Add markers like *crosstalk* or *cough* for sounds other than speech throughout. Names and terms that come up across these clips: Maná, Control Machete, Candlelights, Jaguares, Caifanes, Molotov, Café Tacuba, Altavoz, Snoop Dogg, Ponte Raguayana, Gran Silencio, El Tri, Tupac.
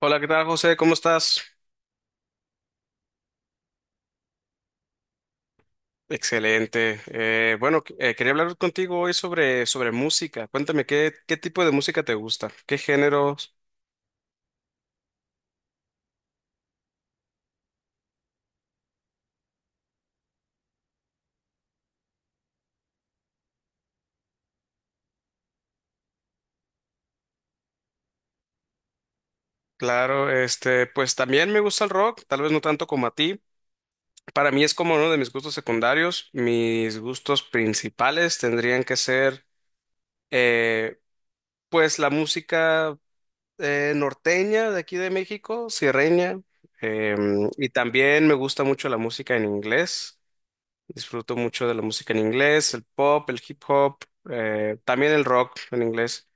Hola, ¿qué tal, José? ¿Cómo estás? Excelente. Quería hablar contigo hoy sobre música. Cuéntame, ¿qué tipo de música te gusta? ¿Qué géneros? Claro, este, pues también me gusta el rock, tal vez no tanto como a ti. Para mí es como uno de mis gustos secundarios. Mis gustos principales tendrían que ser, eh, la música norteña de aquí de México, sierreña. Y también me gusta mucho la música en inglés. Disfruto mucho de la música en inglés, el pop, el hip hop, también el rock en inglés.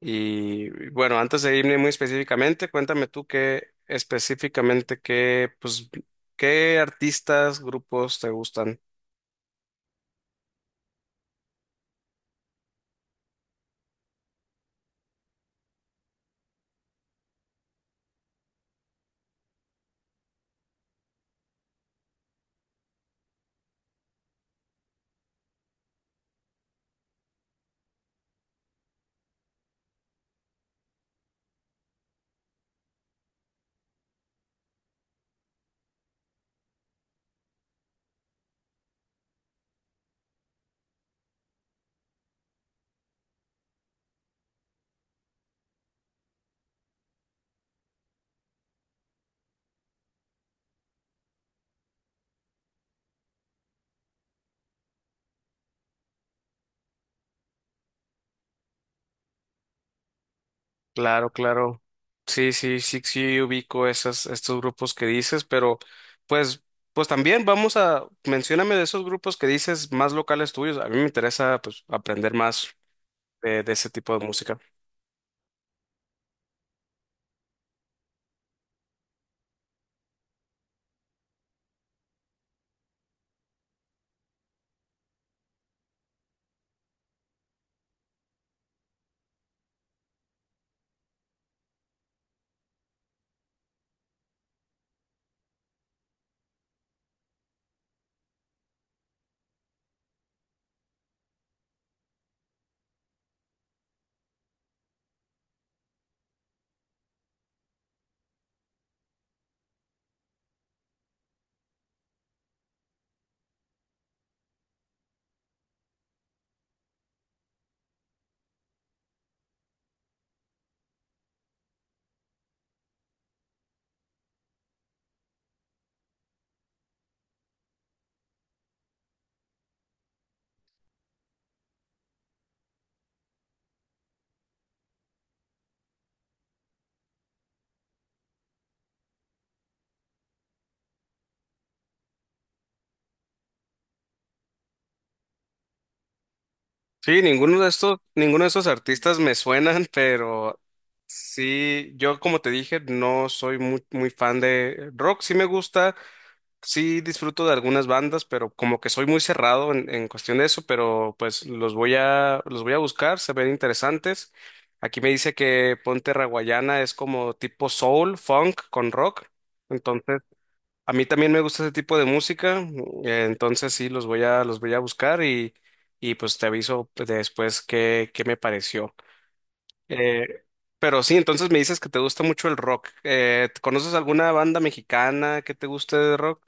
Y bueno, antes de irme muy específicamente, cuéntame tú qué específicamente qué artistas, grupos te gustan. Claro, claro. Sí, sí, sí, sí, ubico estos grupos que dices, pero pues, pues también vamos a, mencióname de esos grupos que dices más locales tuyos. A mí me interesa, pues, aprender más de ese tipo de música. Sí, ninguno de estos artistas me suenan, *laughs* pero sí, yo como te dije, no soy muy fan de rock, sí me gusta, sí disfruto de algunas bandas, pero como que soy muy cerrado en cuestión de eso, pero pues los voy a buscar, se ven interesantes. Aquí me dice que Ponte Raguayana es como tipo soul, funk con rock, entonces a mí también me gusta ese tipo de música, entonces sí, los voy a buscar, y pues te aviso pues, después qué me pareció. Eh, pero sí, entonces me dices que te gusta mucho el rock. ¿Conoces alguna banda mexicana que te guste de rock?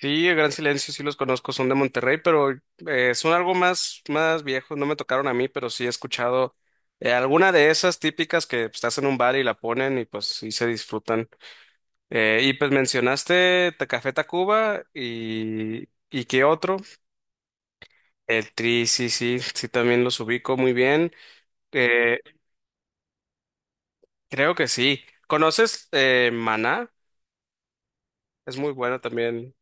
Sí, el Gran Silencio sí los conozco, son de Monterrey, pero son algo más, más viejos, no me tocaron a mí, pero sí he escuchado alguna de esas típicas que pues, estás en un bar y la ponen y pues sí se disfrutan. Y pues mencionaste Café Tacuba y qué otro. El Tri, sí, sí, sí, también los ubico muy bien. Eh, Creo que sí. ¿Conoces Maná? Es muy bueno también.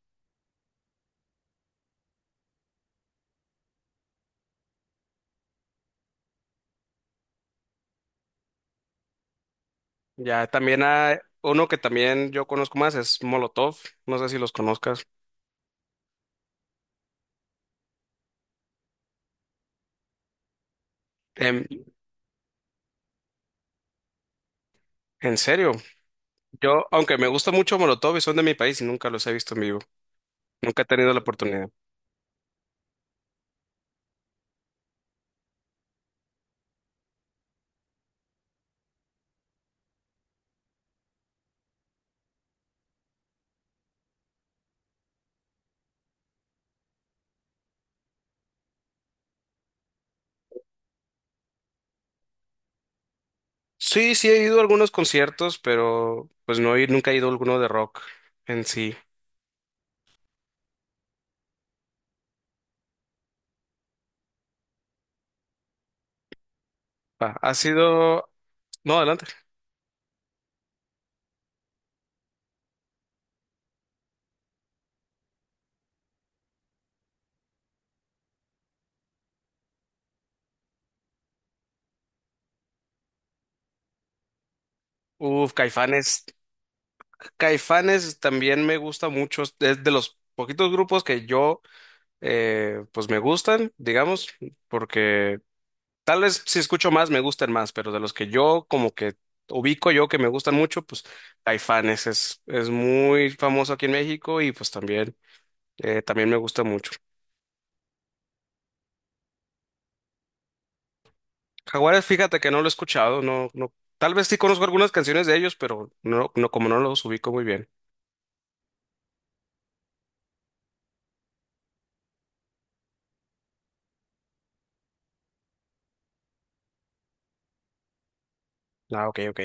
Ya, también hay uno que también yo conozco más, es Molotov. No sé si los conozcas. Em, ¿En serio? Yo, aunque me gusta mucho Molotov y son de mi país, nunca los he visto en vivo. Nunca he tenido la oportunidad. Sí, sí, he ido a algunos conciertos, pero pues nunca he ido a alguno de rock en sí. Ah, ha sido... No, adelante. Uf, Caifanes. Caifanes también me gusta mucho. Es de los poquitos grupos que pues me gustan, digamos, porque tal vez si escucho más me gustan más, pero de los que yo como que ubico yo que me gustan mucho, pues Caifanes es muy famoso aquí en México y pues también, también me gusta mucho. Jaguares, fíjate que no lo he escuchado, no, no, tal vez sí conozco algunas canciones de ellos, pero no, no, como no los ubico muy bien. Ah, ok, ok.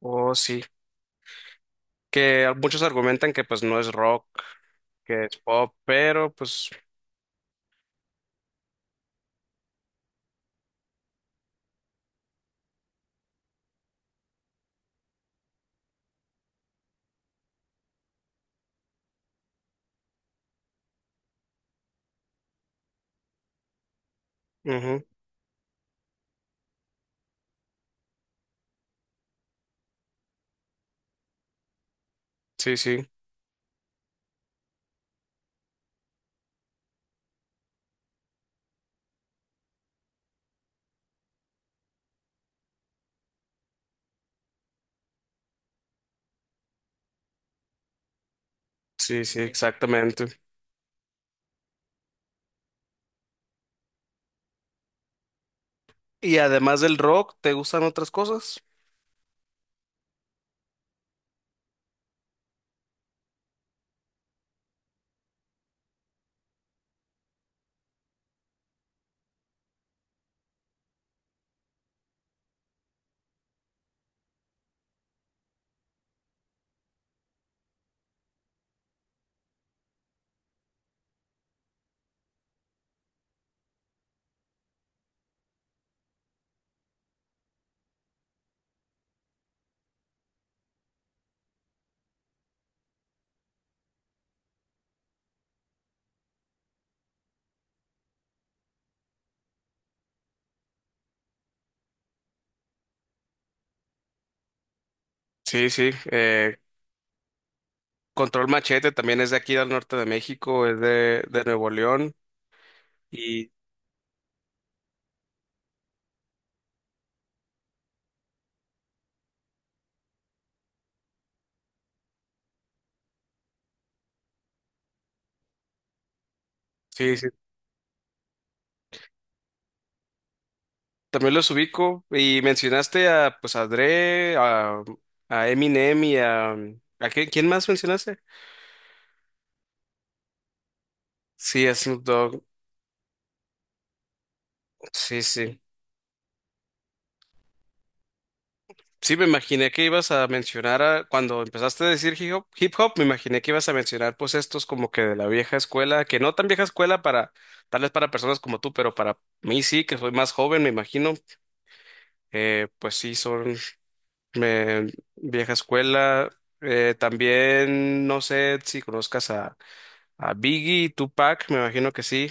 Oh, sí, que muchos argumentan que pues no es rock, que es pop, pero pues ujú, sí, sí, sí, sí, exactamente. Y además del rock, ¿te gustan otras cosas? Sí, sí, Control Machete también es de aquí del norte de México, es de Nuevo León y sí, sí, también los ubico y mencionaste a pues a Dre, a Eminem y ¿a quién más mencionaste? Sí, a Snoop Dogg, sí, sí. Sí, me imaginé que ibas a mencionar a- cuando empezaste a decir hip hop, me imaginé que ibas a mencionar pues estos como que de la vieja escuela, que no tan vieja escuela para, tal vez para personas como tú, pero para mí sí, que soy más joven, me imagino, pues sí, son eh, vieja escuela. También no sé si conozcas a Biggie, Tupac, me imagino que sí.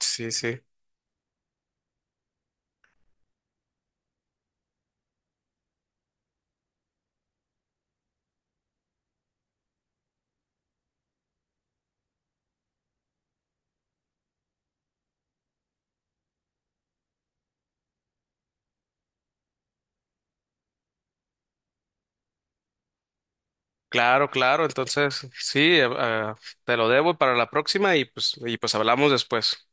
Sí, sí. Claro, claro, entonces sí, te lo debo para la próxima y pues hablamos después.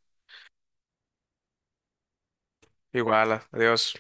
Igual, adiós.